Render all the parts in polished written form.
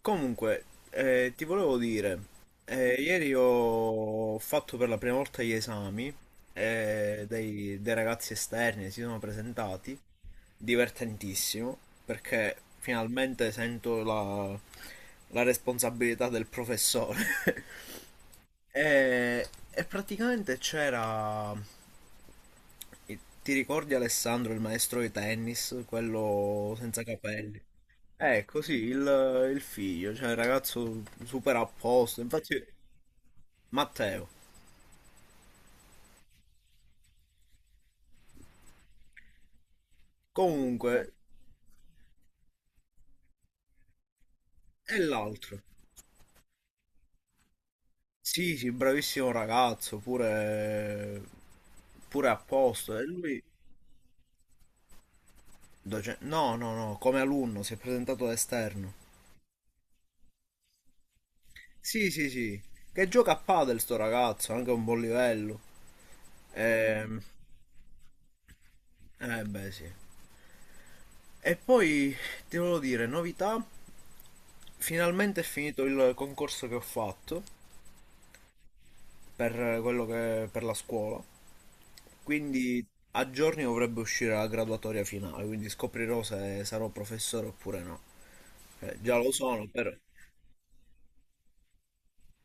Comunque, ti volevo dire, ieri ho fatto per la prima volta gli esami, dei ragazzi esterni si sono presentati, divertentissimo, perché finalmente sento la responsabilità del professore. E praticamente c'era. Ti ricordi Alessandro, il maestro di tennis, quello senza capelli? Ecco, sì, il figlio, cioè il ragazzo super a posto. Infatti, Matteo. Comunque, è l'altro. Sì, sì, bravissimo ragazzo, pure, pure a posto. E lui, no, no, no, come alunno, si è presentato da esterno. Sì, sì, sì. Che gioca a padel sto ragazzo, anche a un buon livello. Ehm, beh, sì. E poi ti volevo dire, novità, finalmente è finito il concorso che ho fatto per quello che per la scuola, quindi a giorni dovrebbe uscire la graduatoria finale, quindi scoprirò se sarò professore oppure no. Già lo sono, però.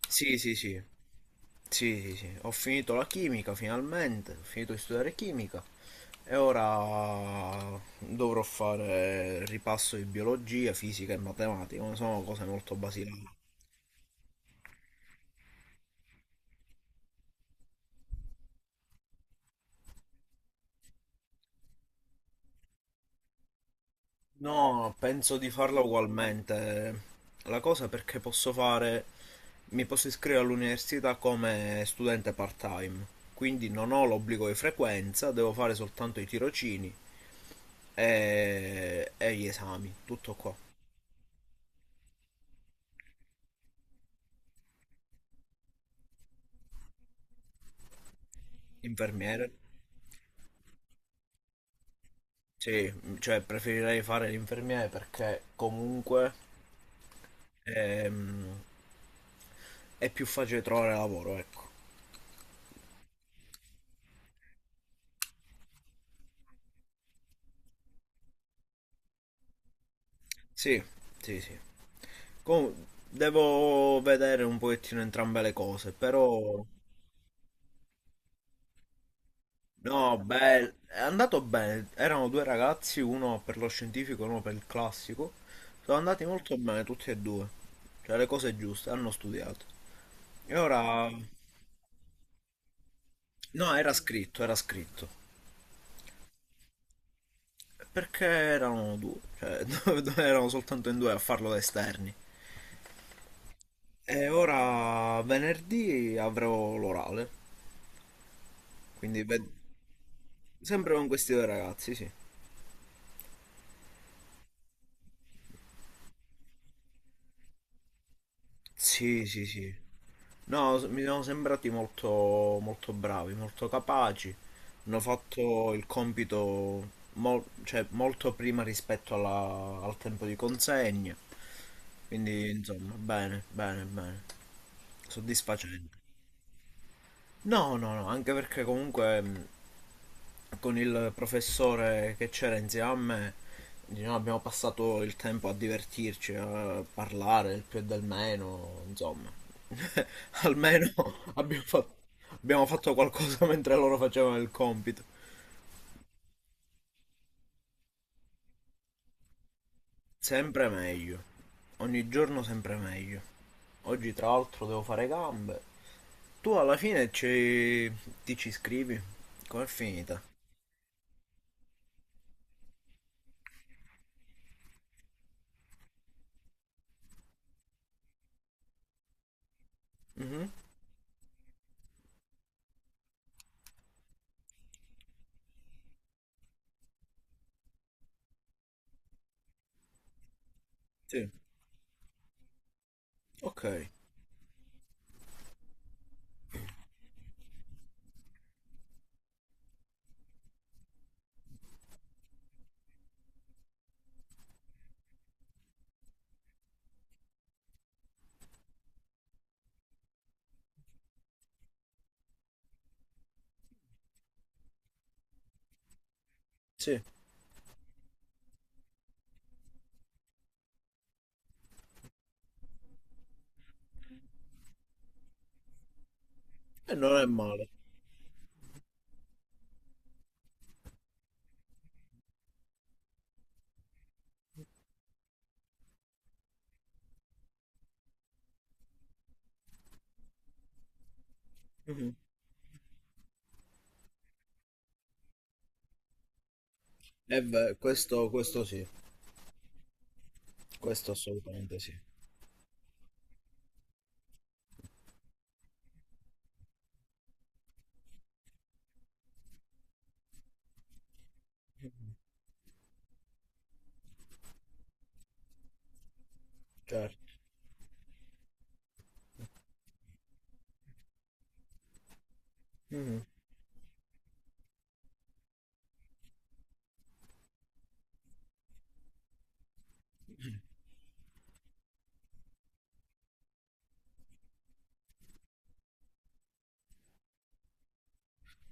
Sì, sì, sì. Sì, sì, sì, ho finito la chimica finalmente, ho finito di studiare chimica e ora dovrò fare ripasso di biologia, fisica e matematica, ma sono cose molto basilari. No, penso di farla ugualmente. La cosa è perché posso fare, mi posso iscrivere all'università come studente part-time, quindi non ho l'obbligo di frequenza, devo fare soltanto i tirocini e gli esami, tutto qua. Infermiere. Sì, cioè preferirei fare l'infermiere perché comunque ehm, è più facile trovare lavoro, ecco. Sì, sì, sì. Com- Devo vedere un pochettino entrambe le cose, però... No, beh, è andato bene. Erano due ragazzi, uno per lo scientifico e uno per il classico. Sono andati molto bene tutti e due. Cioè le cose giuste, hanno studiato. E ora... No, era scritto, era scritto. Perché erano due, cioè erano soltanto in due a farlo da esterni. E ora venerdì avrò l'orale, quindi sempre con questi due ragazzi, sì. Sì, sì, sì. No, s- Mi sono sembrati molto, molto bravi, molto capaci. Hanno fatto il compito cioè, molto prima rispetto al tempo di consegna. Quindi, insomma, bene, bene, bene. Soddisfacente. No, no, no, anche perché comunque con il professore che c'era insieme a me diciamo, abbiamo passato il tempo a divertirci, a parlare del più e del meno, insomma, almeno abbiamo fatto, abbiamo fatto qualcosa mentre loro facevano il compito. Sempre meglio, ogni giorno sempre meglio. Oggi tra l'altro devo fare gambe. Tu alla fine ci... ti ci iscrivi? Com'è finita? Mhm. Sì, ok, sì, e non è male. E beh, questo sì. Questo assolutamente sì. Certo. Mhm.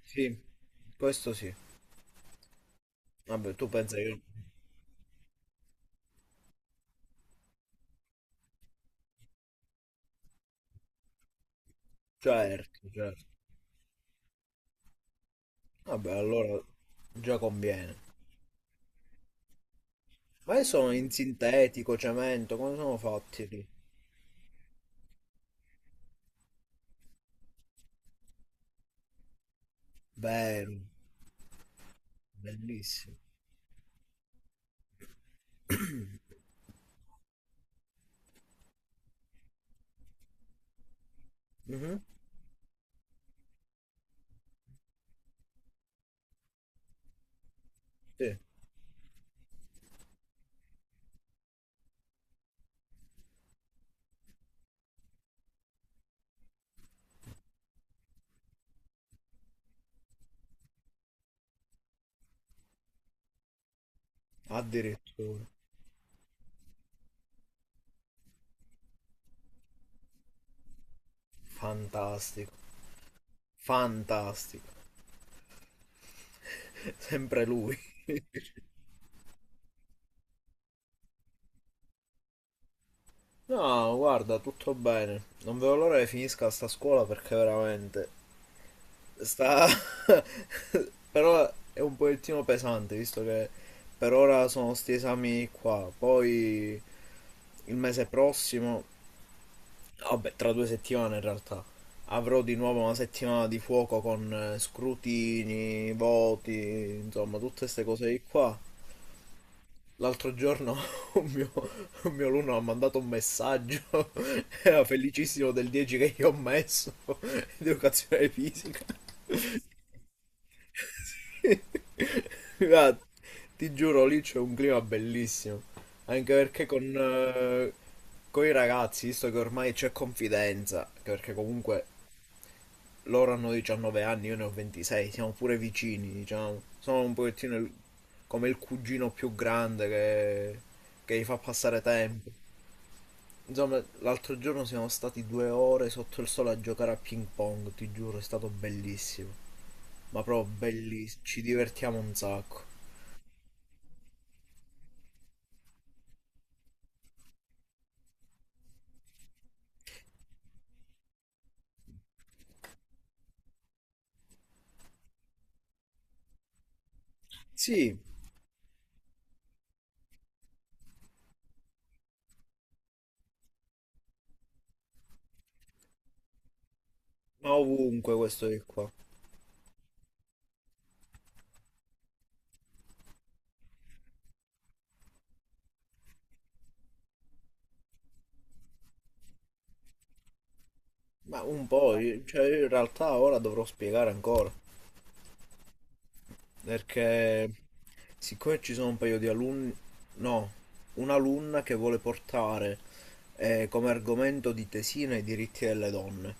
Sì, questo sì. Vabbè, tu pensi che... Certo, certo. Vabbè, allora già conviene. Ma io sono in sintetico, cemento, come sono fatti lì? Vero, bellissimo. Mhm. Sì, addirittura. Fantastico, fantastico. Sempre lui. No, guarda, tutto bene. Non vedo l'ora che finisca sta scuola perché veramente sta... però è un pochettino pesante, visto che per ora sono sti esami qua. Poi il mese prossimo, vabbè, tra 2 settimane in realtà, avrò di nuovo una settimana di fuoco con scrutini, voti, insomma, tutte queste cose di qua. L'altro giorno un mio, un mio alunno ha mandato un messaggio, era felicissimo del 10 che io ho messo, di educazione fisica. Guarda, ti giuro, lì c'è un clima bellissimo. Anche perché con i ragazzi, visto che ormai c'è confidenza, anche perché comunque loro hanno 19 anni, io ne ho 26, siamo pure vicini, diciamo. Sono un pochettino come il cugino più grande che gli fa passare tempo. Insomma, l'altro giorno siamo stati 2 ore sotto il sole a giocare a ping pong, ti giuro, è stato bellissimo. Ma proprio bellissimo, ci divertiamo un sacco. Sì, ma ovunque questo di qua. Ma un po', cioè io in realtà ora dovrò spiegare ancora, perché siccome ci sono un paio di alunni, no, un'alunna che vuole portare come argomento di tesina i diritti delle donne.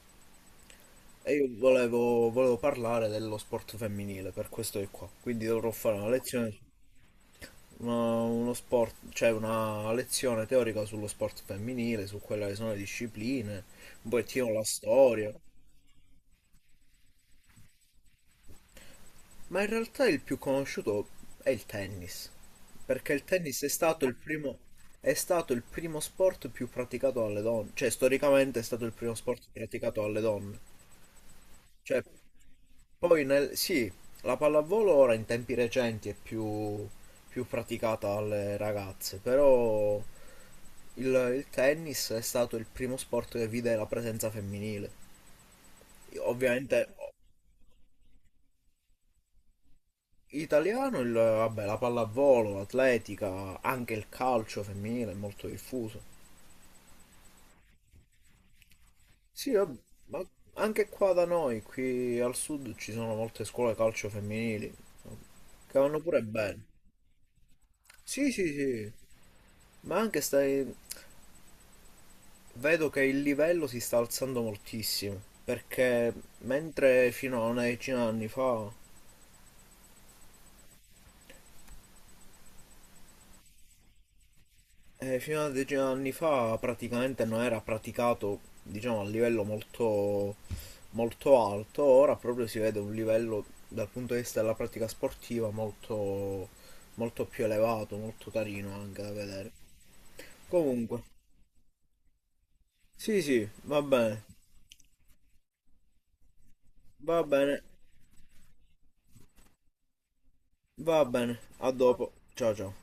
E io volevo parlare dello sport femminile, per questo di qua. Quindi dovrò fare una lezione, uno sport, cioè una lezione teorica sullo sport femminile, su quelle che sono le discipline, un pochettino la storia. Ma in realtà il più conosciuto è il tennis, perché il tennis è stato il primo, è stato il primo sport più praticato dalle donne, cioè storicamente è stato il primo sport praticato dalle donne. Cioè, poi nel, sì, la pallavolo ora in tempi recenti è più, più praticata dalle ragazze, però il, il tennis è stato il primo sport che vide la presenza femminile. Ovviamente italiano, il, vabbè, la pallavolo, l'atletica, anche il calcio femminile è molto diffuso. Sì, vabb- ma anche qua da noi, qui al sud, ci sono molte scuole calcio femminili, che vanno pure bene. Sì, sì, sì, ma anche stai... vedo che il livello si sta alzando moltissimo, perché mentre fino a una decina d'anni fa eh, fino a 10 anni fa praticamente non era praticato, diciamo, a livello molto, molto alto, ora proprio si vede un livello dal punto di vista della pratica sportiva molto, molto più elevato, molto carino anche da vedere. Comunque, sì, sì, va bene, va bene, va bene, a dopo, ciao ciao.